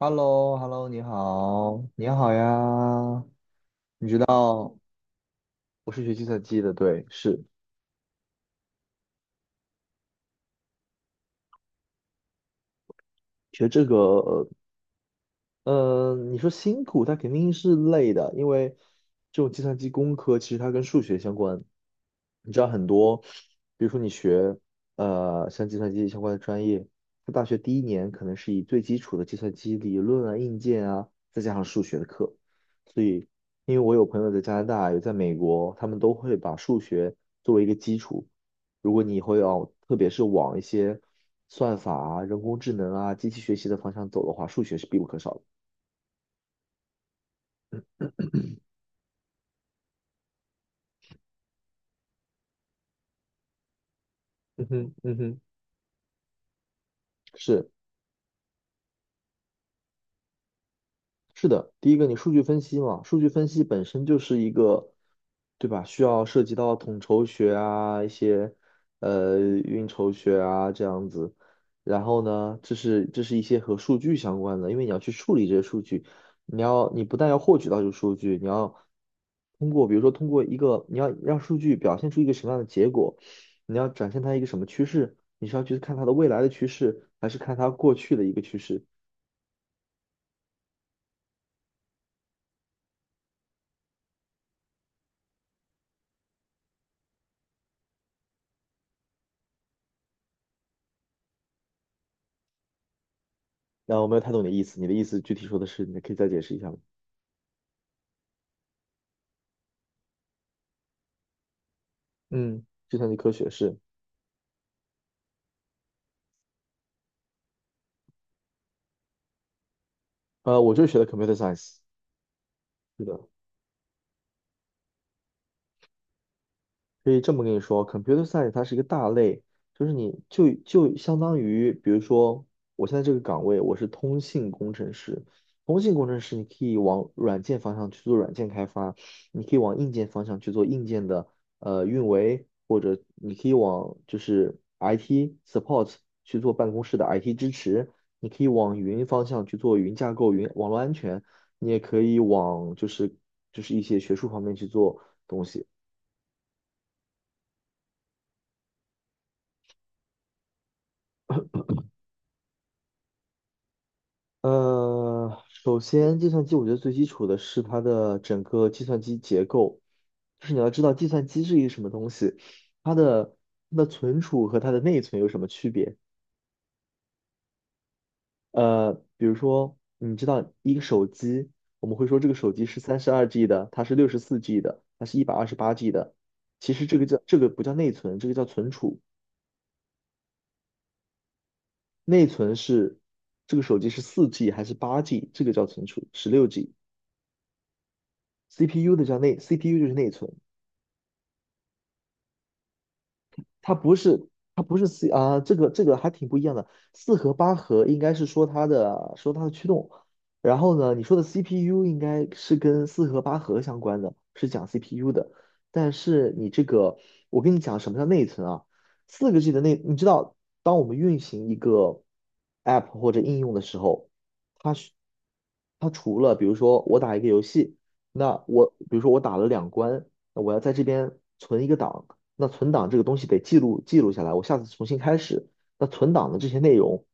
h e l l o h e l l o 你好，你好呀。知道我是学计算机的，对，是学这个。你说辛苦，它肯定是累的，因为这种计算机工科其实它跟数学相关。你知道很多，比如说你学像计算机相关的专业，它大学第一年可能是以最基础的计算机理论啊、硬件啊，再加上数学的课。所以，因为我有朋友在加拿大，有在美国，他们都会把数学作为一个基础。如果你以后要，特别是往一些算法啊、人工智能啊、机器学习的方向走的话，数学是必不可少的。嗯哼，嗯哼，是。是的，第一个你数据分析嘛，数据分析本身就是一个，对吧？需要涉及到统筹学啊，一些运筹学啊这样子。然后呢，这是一些和数据相关的，因为你要去处理这些数据，你不但要获取到这个数据，你要通过比如说通过一个你要让数据表现出一个什么样的结果，你要展现它一个什么趋势，你是要去看它的未来的趋势，还是看它过去的一个趋势？然后我没有太懂你的意思，你的意思具体说的是，你可以再解释一下吗？嗯，计算机科学是，我就是学的 computer science,是的。可以这么跟你说，computer science 它是一个大类，就是你就相当于，比如说我现在这个岗位我是通信工程师，通信工程师你可以往软件方向去做软件开发，你可以往硬件方向去做硬件的运维，或者你可以往就是 IT support 去做办公室的 IT 支持，你可以往云方向去做云架构、云网络安全，你也可以往就是一些学术方面去做。东西。首先，计算机我觉得最基础的是它的整个计算机结构，就是你要知道计算机是一个什么东西，它的它的存储和它的内存有什么区别？比如说，你知道一个手机，我们会说这个手机是32G 的，它是64G 的，它是128G 的。其实这个叫，这个不叫内存，这个叫存储。内存是这个手机是四 G 还是8G,这个叫存储，16G。CPU 的叫内，CPU 就是内存。它不是，它不是 c 啊，这个这个还挺不一样的。四核八核应该是说它的，驱动，然后呢，你说的 CPU 应该是跟四核八核相关的，是讲 CPU 的。但是你这个，我跟你讲什么叫内存啊？4个G 的内，你知道，当我们运行一个 App 或者应用的时候，它是它除了比如说我打一个游戏，那我比如说我打了两关，那我要在这边存一个档。那存档这个东西得记录记录下来，我下次重新开始。那存档的这些内容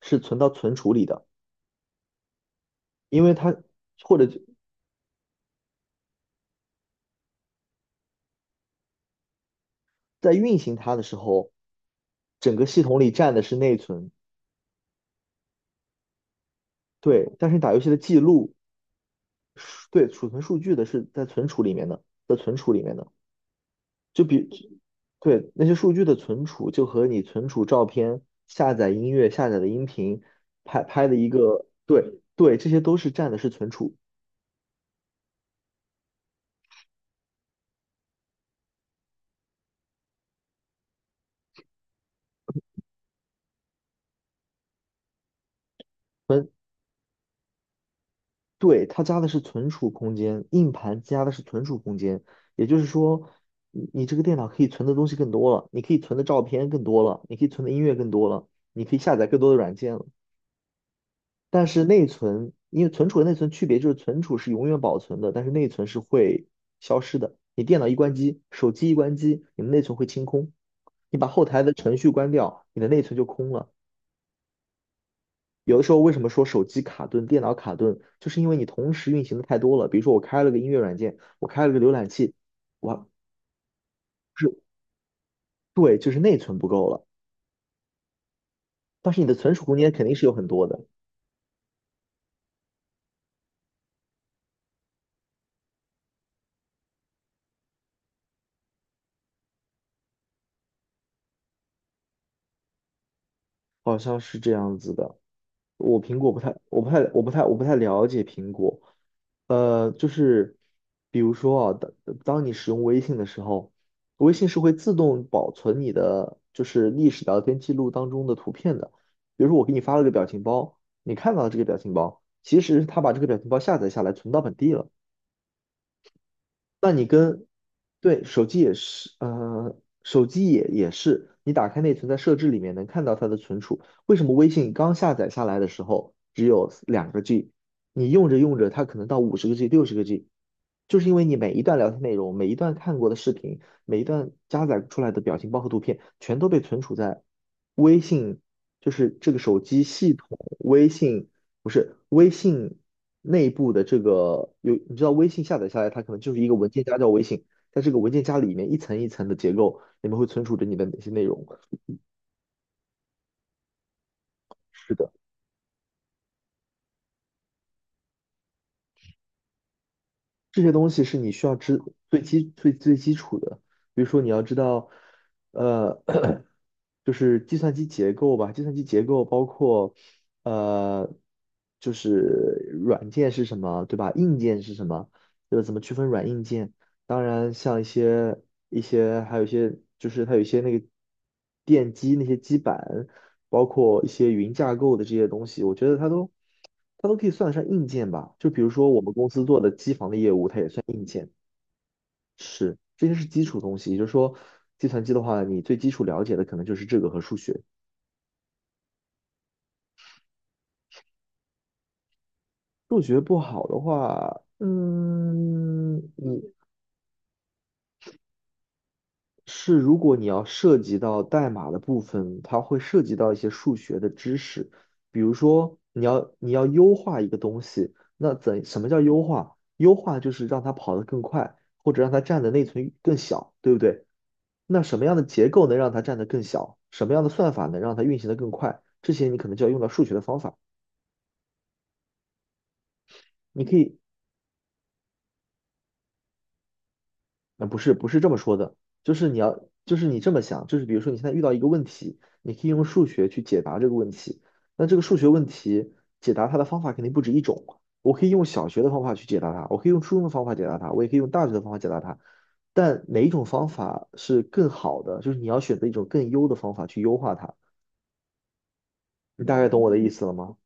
是存到存储里的，因为它，或者就，在运行它的时候，整个系统里占的是内存。对。但是你打游戏的记录，数，对，储存数据的是在存储里面的，就比对那些数据的存储，就和你存储照片、下载音乐、下载的音频、拍拍的一个，对对，这些都是占的是存储。对，它加的是存储空间，硬盘加的是存储空间，也就是说，你，你这个电脑可以存的东西更多了，你可以存的照片更多了，你可以存的音乐更多了，你可以下载更多的软件了。但是内存，因为存储和内存区别就是存储是永远保存的，但是内存是会消失的。你电脑一关机，手机一关机，你的内存会清空。你把后台的程序关掉，你的内存就空了。有的时候为什么说手机卡顿、电脑卡顿，就是因为你同时运行的太多了。比如说我开了个音乐软件，我开了个浏览器，我。不是。对，就是内存不够了，但是你的存储空间肯定是有很多的，好像是这样子的。我苹果不太，我不太了解苹果。就是比如说啊，当你使用微信的时候，微信是会自动保存你的就是历史聊天记录当中的图片的。比如说我给你发了个表情包，你看到了这个表情包，其实它把这个表情包下载下来存到本地了。那你跟，对，手机也是，手机也是，你打开内存，在设置里面能看到它的存储。为什么微信刚下载下来的时候只有2个G,你用着用着，它可能到50个G、60个G,就是因为你每一段聊天内容、每一段看过的视频、每一段加载出来的表情包和图片，全都被存储在微信，就是这个手机系统。微信不是微信内部的这个有，你知道微信下载下来，它可能就是一个文件夹叫微信，在这个文件夹里面一层一层的结构，里面会存储着你的哪些内容。是的。这些东西是你需要知最基础的，比如说你要知道，呃，就是计算机结构吧，计算机结构包括，呃，就是软件是什么，对吧？硬件是什么，就是怎么区分软硬件。当然，像一些还有一些就是它有一些那个电机那些基板，包括一些云架构的这些东西，我觉得它都。它都可以算得上硬件吧。就比如说我们公司做的机房的业务，它也算硬件，是，这些是基础东西。也就是说，计算机的话，你最基础了解的可能就是这个和数学。数学不好的话，嗯，你是。如果你要涉及到代码的部分，它会涉及到一些数学的知识，比如说你要，你要优化一个东西，什么叫优化？优化就是让它跑得更快，或者让它占的内存更小，对不对？那什么样的结构能让它占得更小？什么样的算法能让它运行得更快？这些你可能就要用到数学的方法。你可以，不是不是这么说的，就是你要，就是你这么想，就是比如说你现在遇到一个问题，你可以用数学去解答这个问题。那这个数学问题解答它的方法肯定不止一种。我可以用小学的方法去解答它，我可以用初中的方法解答它，我也可以用大学的方法解答它。但哪一种方法是更好的？就是你要选择一种更优的方法去优化它。你大概懂我的意思了吗？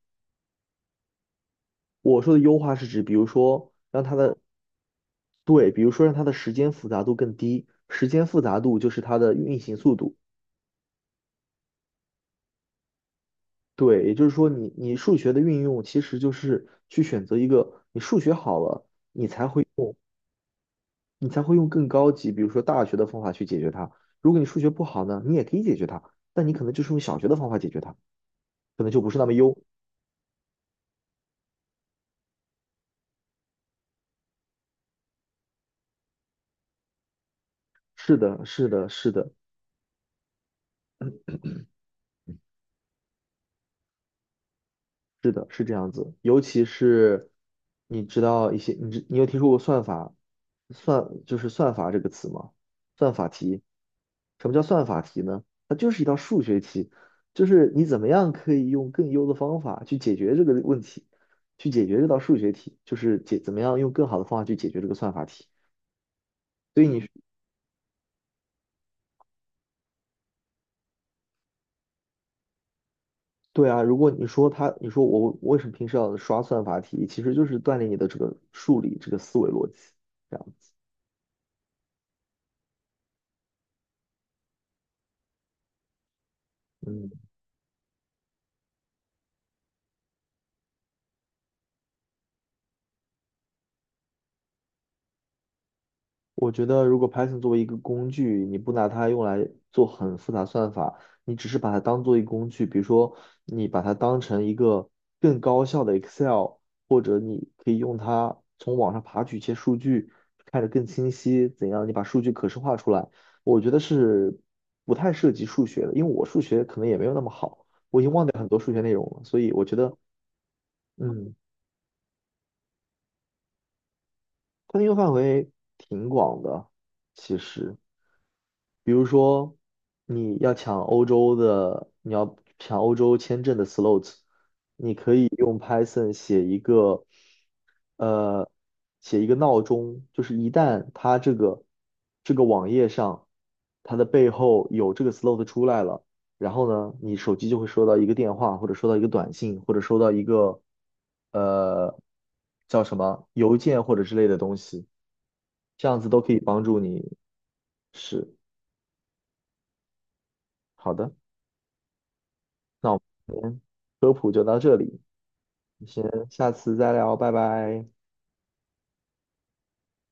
我说的优化是指，比如说让它的，对，比如说让它的时间复杂度更低，时间复杂度就是它的运行速度。对，也就是说你，你数学的运用其实就是去选择一个。你数学好了，你才会用更高级，比如说大学的方法去解决它。如果你数学不好呢，你也可以解决它，但你可能就是用小学的方法解决它，可能就不是那么优。是的，是的，是的。是的，是这样子，尤其是你知道一些，你有听说过算法，就是算法这个词吗？算法题，什么叫算法题呢？它就是一道数学题，就是你怎么样可以用更优的方法去解决这个问题，去解决这道数学题，就是解怎么样用更好的方法去解决这个算法题。所以你，对啊，如果你说他，你说我为什么平时要刷算法题，其实就是锻炼你的这个数理这个思维逻辑，这样子，嗯。我觉得，如果 Python 作为一个工具，你不拿它用来做很复杂算法，你只是把它当做一个工具，比如说你把它当成一个更高效的 Excel,或者你可以用它从网上爬取一些数据，看着更清晰，怎样你把数据可视化出来，我觉得是不太涉及数学的，因为我数学可能也没有那么好，我已经忘掉很多数学内容了，所以我觉得，嗯，它的应用范围挺广的，其实。比如说，你要抢欧洲的，你要抢欧洲签证的 slot,你可以用 Python 写一个，呃，写一个闹钟，就是一旦它这个网页上，它的背后有这个 slot 出来了，然后呢，你手机就会收到一个电话，或者收到一个短信，或者收到一个，呃，叫什么邮件或者之类的东西，这样子都可以帮助你。是，好的。那我们先下次再聊，拜拜。